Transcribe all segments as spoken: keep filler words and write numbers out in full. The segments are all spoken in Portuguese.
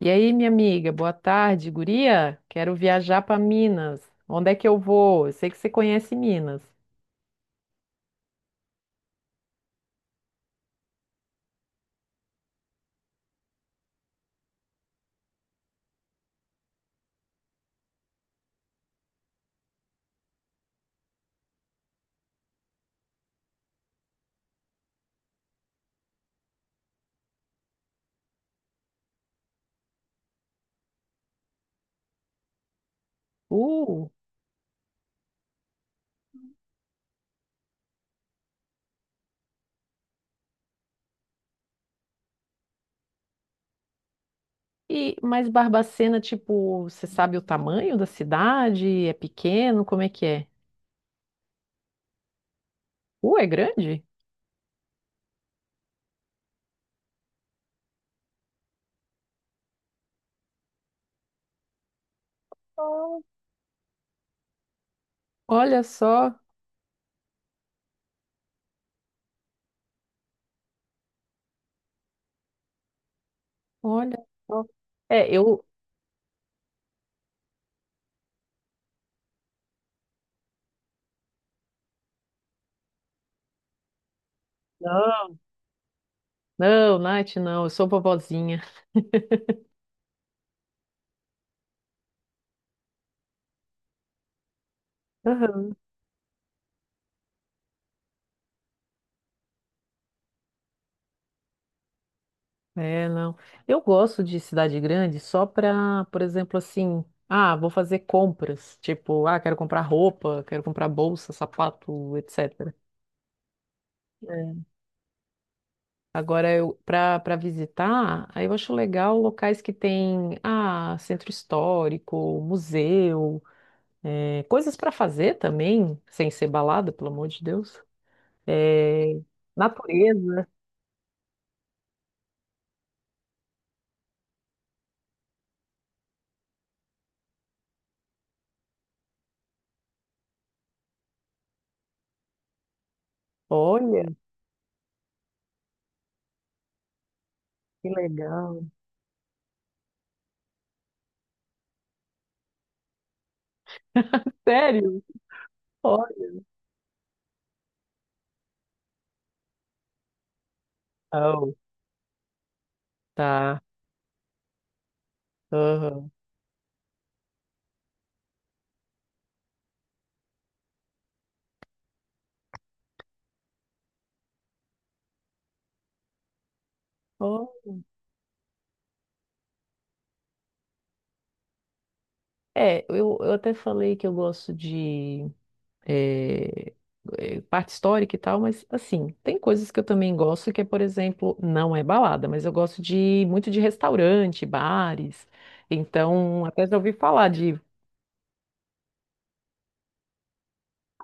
E aí, minha amiga, boa tarde, guria. Quero viajar para Minas. Onde é que eu vou? Eu sei que você conhece Minas. Uh, e mas Barbacena, tipo, você sabe o tamanho da cidade? É pequeno? Como é que é? Uh, é grande? Olha só, olha só. É, eu. Não, não, Nath, não, eu sou vovozinha. É, não. Eu gosto de cidade grande só pra, por exemplo, assim, ah, vou fazer compras. Tipo, ah, quero comprar roupa, quero comprar bolsa, sapato, etcétera. É. Agora, eu, para para visitar, aí eu acho legal locais que tem, ah, centro histórico, museu, eh, coisas para fazer também, sem ser balada, pelo amor de Deus. É, natureza. Olha. Que legal. Sério? Olha. Oh, tá. Aham. É, eu, eu até falei que eu gosto de eh, eh, parte histórica e tal, mas assim, tem coisas que eu também gosto, que é, por exemplo, não é balada, mas eu gosto de muito de restaurante, bares. Então, até já ouvi falar de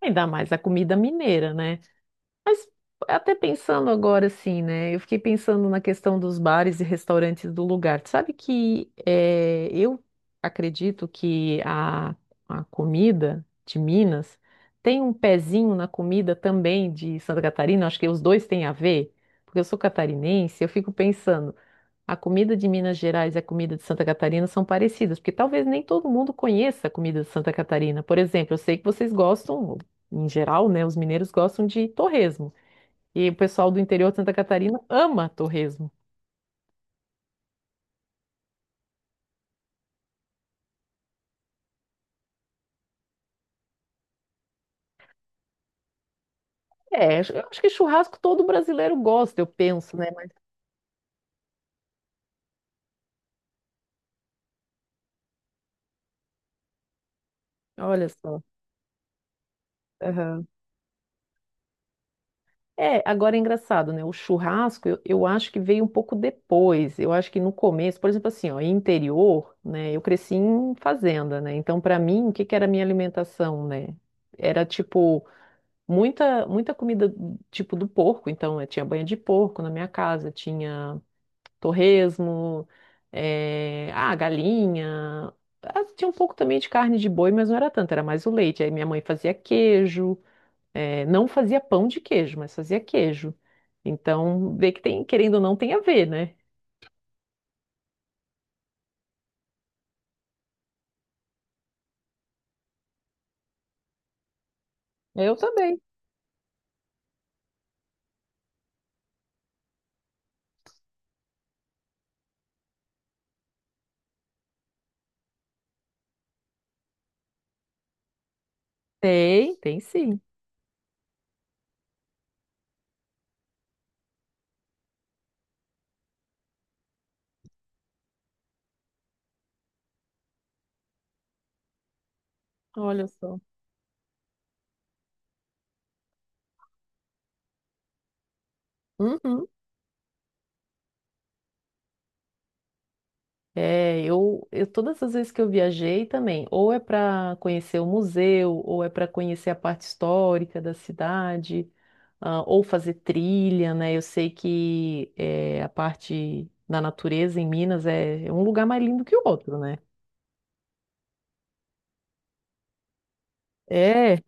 ainda mais a comida mineira, né? Mas até pensando agora assim, né? Eu fiquei pensando na questão dos bares e restaurantes do lugar. Tu sabe que eh, eu acredito que a, a comida de Minas tem um pezinho na comida também de Santa Catarina. Acho que os dois têm a ver, porque eu sou catarinense. Eu fico pensando, a comida de Minas Gerais e a comida de Santa Catarina são parecidas, porque talvez nem todo mundo conheça a comida de Santa Catarina. Por exemplo, eu sei que vocês gostam, em geral, né? Os mineiros gostam de torresmo. E o pessoal do interior de Santa Catarina ama torresmo. É, acho- eu acho que churrasco todo brasileiro gosta, eu penso, né? Mas olha só. Aham. É, agora é engraçado, né? O churrasco, eu, eu acho que veio um pouco depois. Eu acho que no começo, por exemplo, assim, ó, em interior, né? Eu cresci em fazenda, né? Então, para mim, o que que era a minha alimentação, né? Era tipo muita muita comida tipo do porco. Então, eu tinha banha de porco na minha casa, tinha torresmo, eh, ah, galinha. Ah, tinha um pouco também de carne de boi, mas não era tanto, era mais o leite. Aí minha mãe fazia queijo, eh, não fazia pão de queijo, mas fazia queijo. Então, vê que tem, querendo ou não, tem a ver, né? Eu também. Tem, tem sim. Olha só. Uhum. É, eu, eu todas as vezes que eu viajei também, ou é para conhecer o museu, ou é para conhecer a parte histórica da cidade, ah, ou fazer trilha, né? Eu sei que eh, a parte da natureza em Minas é, é um lugar mais lindo que o outro, né? É,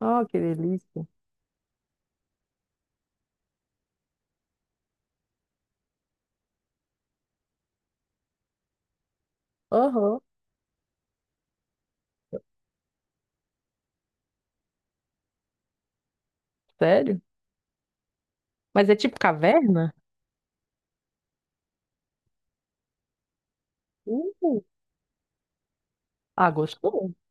ó, que delícia. Aham, sério? Mas é tipo caverna? Uh, ah, gostou?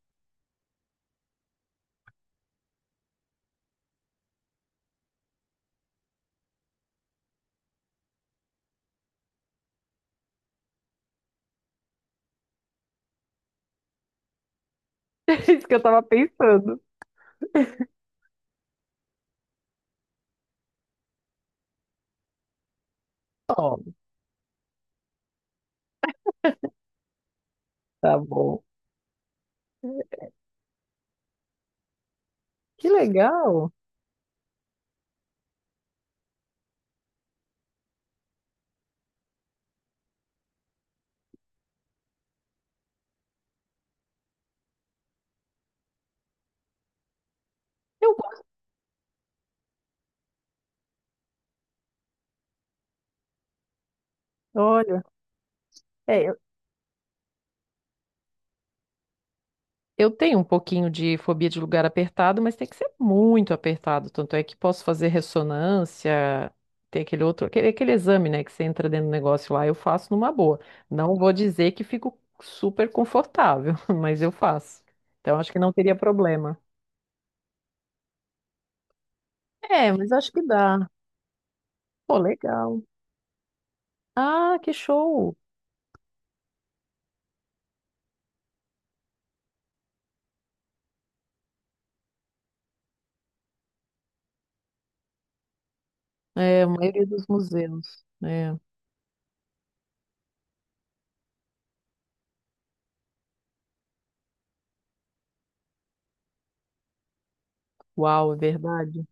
É isso que eu tava pensando. Ó, tá bom. Que legal. Eu, gosto. Olha, é. Eu tenho um pouquinho de fobia de lugar apertado, mas tem que ser muito apertado. Tanto é que posso fazer ressonância, tem aquele outro, aquele, aquele exame, né, que você entra dentro do negócio lá, eu faço numa boa. Não vou dizer que fico super confortável, mas eu faço. Então acho que não teria problema. É, mas acho que dá. Pô, legal. Ah, que show! É, a maioria dos museus. É. Uau, é verdade.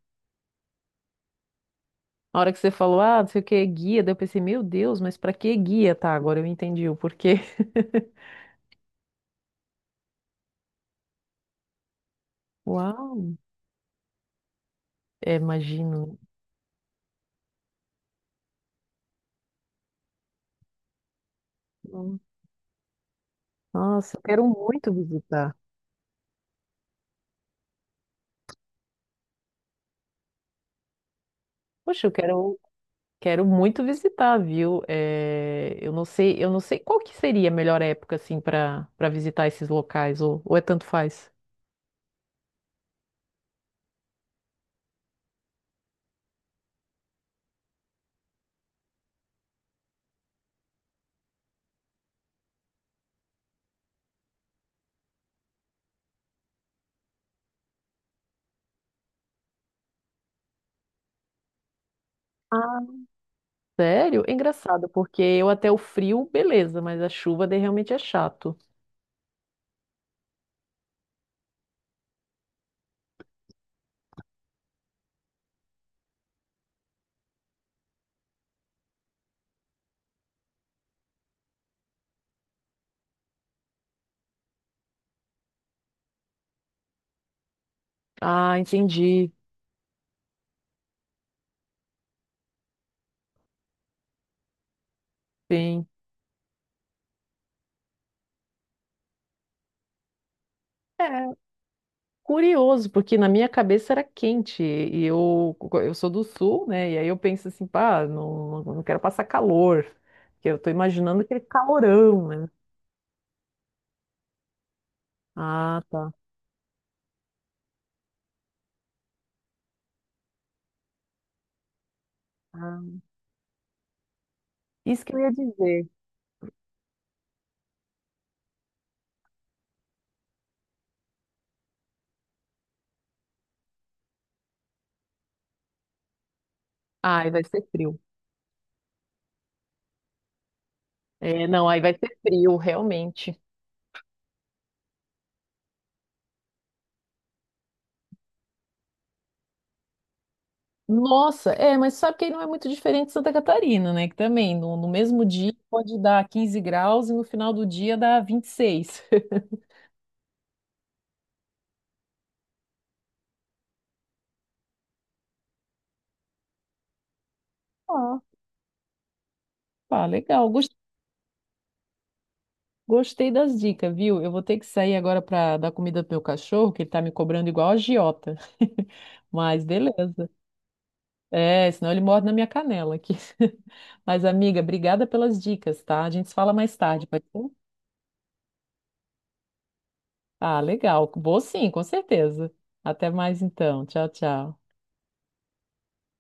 Na hora que você falou, ah, não sei o que, guia, daí eu pensei, meu Deus, mas pra que guia? Tá, agora eu entendi o porquê. Uau, é, imagino. Nossa, eu quero muito visitar. Poxa, eu quero, quero muito visitar, viu? É, eu não sei, eu não sei qual que seria a melhor época assim para para visitar esses locais ou, ou é tanto faz. Ah, sério? É engraçado, porque eu até o frio, beleza, mas a chuva daí realmente é chato. Ah, entendi. Sim. É, curioso, porque na minha cabeça era quente, e eu, eu sou do sul, né? E aí eu penso assim, pá, não, não quero passar calor, porque eu tô imaginando aquele calorão, né? Ah, tá. Ah, isso que eu ia dizer. Ai, vai ser frio. É, não, aí vai ser frio, realmente. Nossa, é, mas sabe que aí não é muito diferente de Santa Catarina, né? Que também no, no mesmo dia pode dar quinze graus e no final do dia dá vinte e seis. Ah, pá, legal. Gostei das dicas, viu? Eu vou ter que sair agora para dar comida pro meu cachorro, que ele tá me cobrando igual a agiota. Mas beleza. É, senão ele morde na minha canela aqui. Mas, amiga, obrigada pelas dicas, tá? A gente se fala mais tarde, pode ser? Ah, legal. Vou sim, com certeza. Até mais então. Tchau, tchau.